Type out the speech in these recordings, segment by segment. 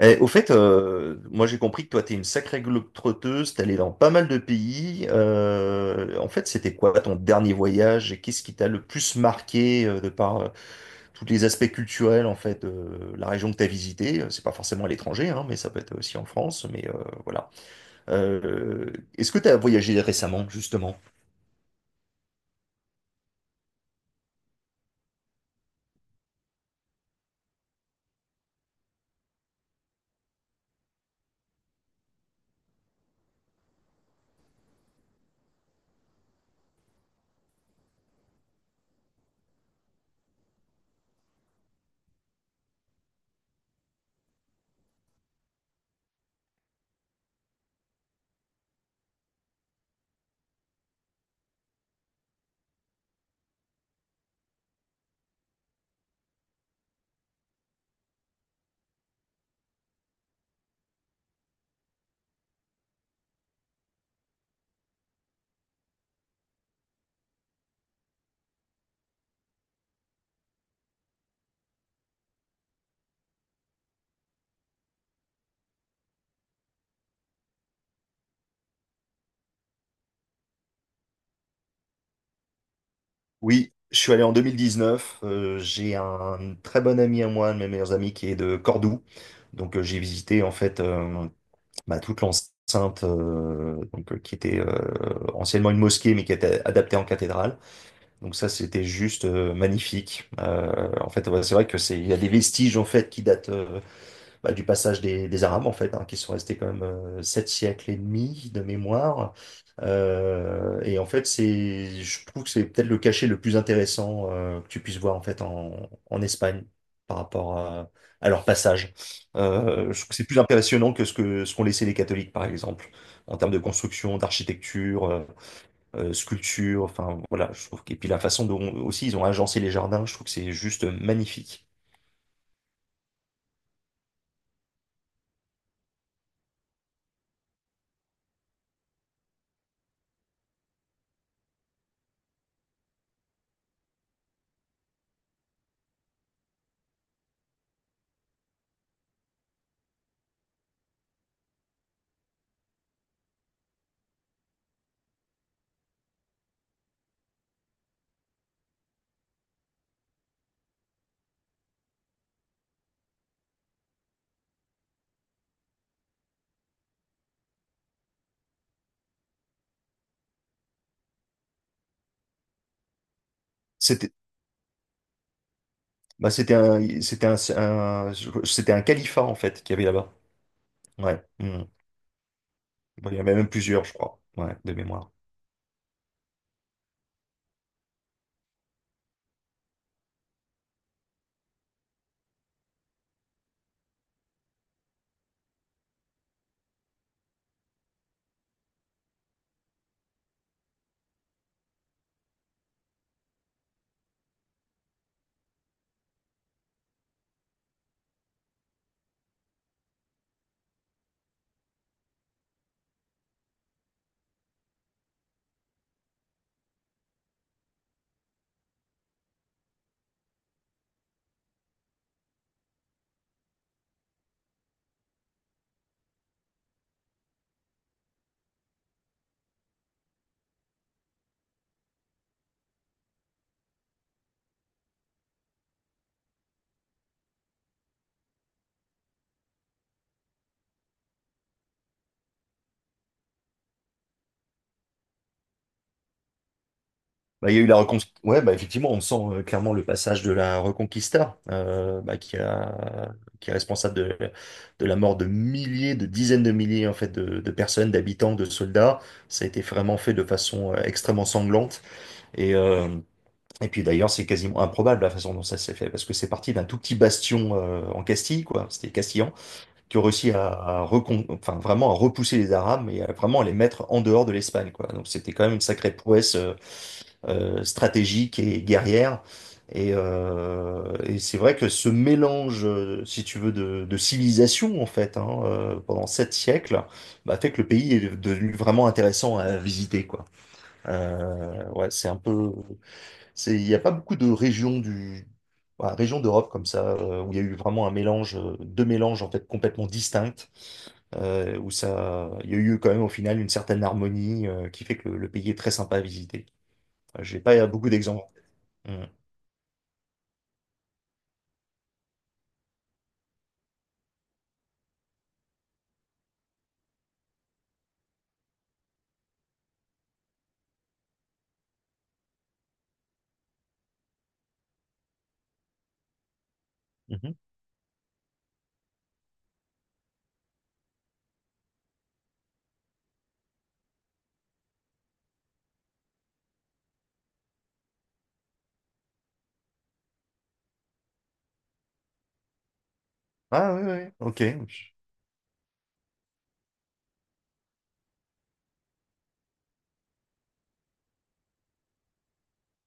Eh, au fait, moi j'ai compris que toi t'es une sacrée globe-trotteuse, t'es allé dans pas mal de pays. En fait, c'était quoi ton dernier voyage et qu'est-ce qui t'a le plus marqué, de par, tous les aspects culturels en fait de la région que t'as visitée? C'est pas forcément à l'étranger, hein, mais ça peut être aussi en France. Mais, voilà. Euh, Est-ce que t'as voyagé récemment justement? Oui, je suis allé en 2019. J'ai un très bon ami à moi, un de mes meilleurs amis qui est de Cordoue. Donc, j'ai visité en fait. Bah, toute l'enceinte, donc, qui était, anciennement une mosquée mais qui était adaptée en cathédrale. Donc ça c'était juste, magnifique. En fait, ouais, c'est vrai que c'est il y a des vestiges en fait qui datent, bah, du passage des Arabes, en fait, hein, qui sont restés quand même, 7 siècles et demi de mémoire. Et en fait, c'est, je trouve que c'est peut-être le cachet le plus intéressant, que tu puisses voir en fait en, en Espagne par rapport à leur passage. Je trouve que c'est plus impressionnant que ce qu'ont laissé les catholiques, par exemple, en termes de construction, d'architecture, sculpture. Enfin, voilà, et puis la façon dont aussi ils ont agencé les jardins, je trouve que c'est juste magnifique. C'était- Bah, c'était un califat, en fait, qu'il y avait là-bas. Ouais. Mm. Bon, il y en avait même plusieurs, je crois. Ouais, de mémoire. Bah, il y a eu la reconquista. Ouais, bah, effectivement, on sent, clairement le passage de la Reconquista, bah, qui a, qui est responsable de la mort de milliers, de dizaines de milliers, en fait, de personnes, d'habitants, de soldats. Ça a été vraiment fait de façon, extrêmement sanglante. Et, euh, et puis d'ailleurs, c'est quasiment improbable la façon dont ça s'est fait, parce que c'est parti d'un tout petit bastion, en Castille, quoi. C'était Castille qui ont réussi enfin, vraiment à repousser les Arabes et à vraiment les mettre en dehors de l'Espagne, quoi. Donc c'était quand même une sacrée prouesse, stratégique et guerrière. Et c'est vrai que ce mélange, si tu veux, de civilisation, en fait, hein, pendant 7 siècles, bah, fait que le pays est devenu vraiment intéressant à visiter, quoi. Ouais, c'est un peu c'est, il n'y a pas beaucoup de régions du, voilà, régions d'Europe comme ça, où il y a eu vraiment un mélange, deux mélanges en fait complètement distincts, où ça, il y a eu quand même au final une certaine harmonie, qui fait que le pays est très sympa à visiter. Enfin, j'ai pas beaucoup d'exemples. Mm. Mhm. Ah oui, oui, ok.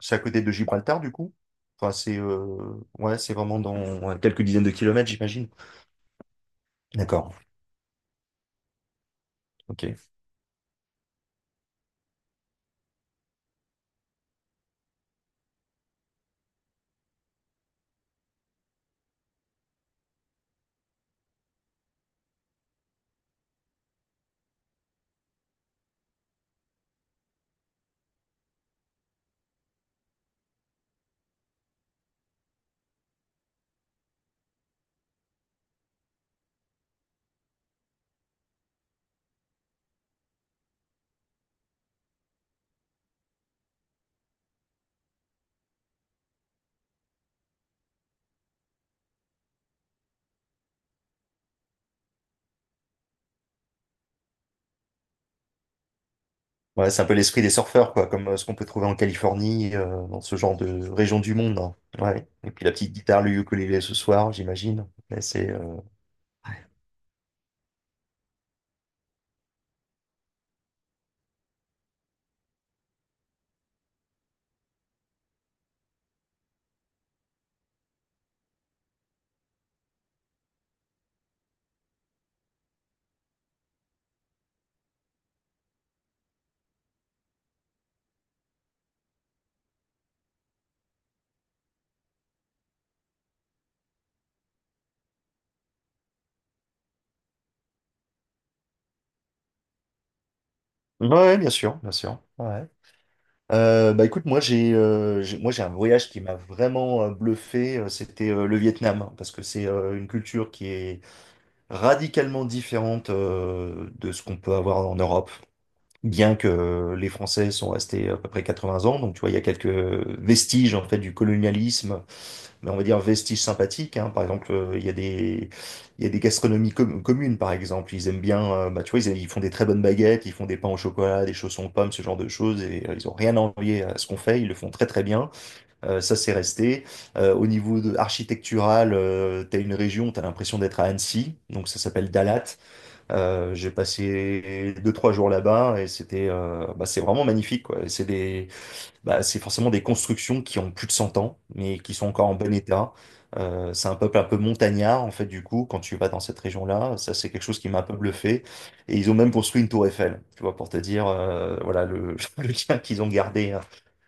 C'est à côté de Gibraltar du coup? Enfin, c'est, ouais, c'est vraiment dans, ouais, quelques dizaines de kilomètres, j'imagine. D'accord, ok. Ouais, c'est un peu l'esprit des surfeurs, quoi, comme, ce qu'on peut trouver en Californie, dans ce genre de région du monde, hein. Ouais. Et puis la petite guitare, le ukulélé ce soir, j'imagine. Mais c'est, ouais, ouais, bien sûr, bien sûr. Ouais. Bah écoute, moi j'ai un voyage qui m'a vraiment, bluffé, c'était, le Vietnam, hein, parce que c'est, une culture qui est radicalement différente, de ce qu'on peut avoir en Europe. Bien que, les Français sont restés à peu près 80 ans, donc tu vois, il y a quelques vestiges en fait du colonialisme mais on va dire vestiges sympathiques, hein. Par exemple, il y a des, il y a des gastronomies communes, par exemple. Ils aiment bien, bah, tu vois, ils font des très bonnes baguettes, ils font des pains au chocolat, des chaussons aux pommes, ce genre de choses. Et, ils ont rien à envier à ce qu'on fait. Ils le font très très bien. Ça, c'est resté. Au niveau de, architectural, t'as une région, t'as l'impression d'être à Annecy. Donc ça s'appelle Dalat. J'ai passé deux trois jours là-bas et c'était, bah, c'est vraiment magnifique, quoi. C'est des Bah, c'est forcément des constructions qui ont plus de 100 ans, mais qui sont encore en bon état. C'est un peuple un peu montagnard, en fait, du coup, quand tu vas dans cette région-là, ça c'est quelque chose qui m'a un peu bluffé. Et ils ont même construit une tour Eiffel, tu vois, pour te dire, voilà, le lien qu'ils ont gardé, hein,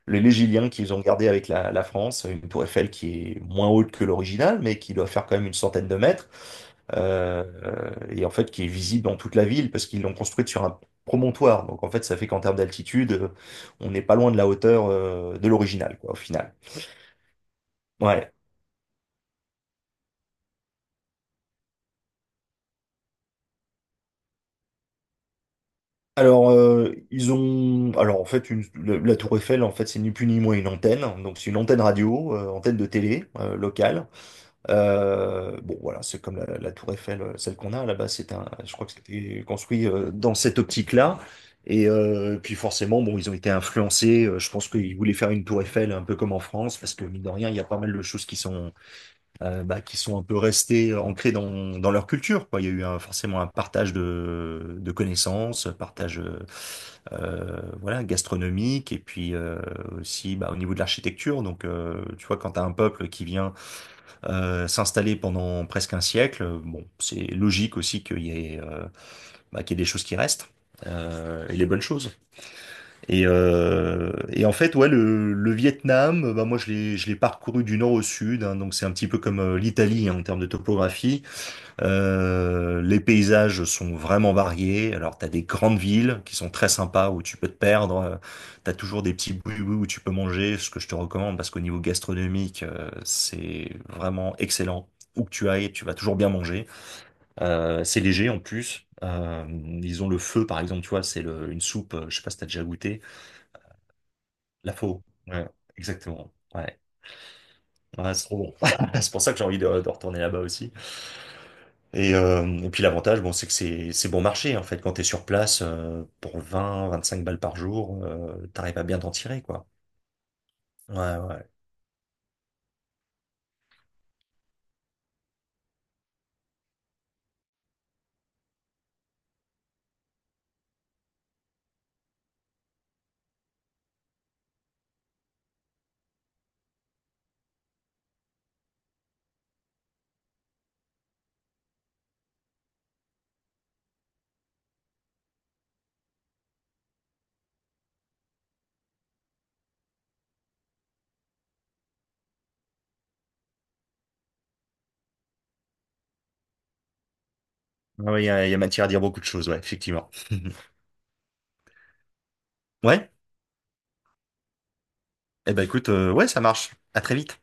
le légilien qu'ils ont gardé avec la France, une tour Eiffel qui est moins haute que l'original, mais qui doit faire quand même une centaine de mètres, et en fait qui est visible dans toute la ville parce qu'ils l'ont construite sur un promontoire. Donc en fait, ça fait qu'en termes d'altitude, on n'est pas loin de la hauteur, de l'original, quoi, au final. Ouais. Alors, ils ont, alors en fait, la Tour Eiffel, en fait, c'est ni plus ni moins une antenne. Donc c'est une antenne radio, antenne de télé, locale. Bon, voilà, c'est comme la tour Eiffel, celle qu'on a là-bas, c'est un, je crois que c'était construit, dans cette optique-là. Et, puis forcément, bon, ils ont été influencés. Je pense qu'ils voulaient faire une tour Eiffel un peu comme en France, parce que mine de rien, il y a pas mal de choses qui sont, bah, qui sont un peu restées, ancrées dans leur culture, quoi. Il y a eu forcément un partage de connaissances, partage, voilà, gastronomique, et puis, aussi bah, au niveau de l'architecture. Donc, tu vois, quand tu as un peuple qui vient, s'installer pendant presque un siècle. Bon, c'est logique aussi qu'il y ait, bah, qu'il y ait des choses qui restent. Et les bonnes choses. Et en fait, ouais, le Vietnam, bah moi je l'ai parcouru du nord au sud, hein, donc c'est un petit peu comme, l'Italie, hein, en termes de topographie. Les paysages sont vraiment variés. Alors, tu as des grandes villes qui sont très sympas où tu peux te perdre. Tu as toujours des petits bouis-bouis où tu peux manger, ce que je te recommande parce qu'au niveau gastronomique, c'est vraiment excellent. Où que tu ailles, tu vas toujours bien manger. C'est léger en plus. Ils ont le feu, par exemple, tu vois, c'est une soupe, je sais pas si t'as déjà goûté. La faux. Ouais, exactement. Ouais, ouais, c'est trop bon. C'est pour ça que j'ai envie de retourner là-bas aussi. Et puis l'avantage, bon, c'est que c'est bon marché en fait. Quand t'es sur place, pour vingt, vingt-cinq balles par jour, t'arrives à bien t'en tirer, quoi. Ouais, ouais. Ouais, ouais, il y a matière à dire beaucoup de choses, ouais, effectivement. Ouais. Eh ben écoute, ouais, ça marche. À très vite.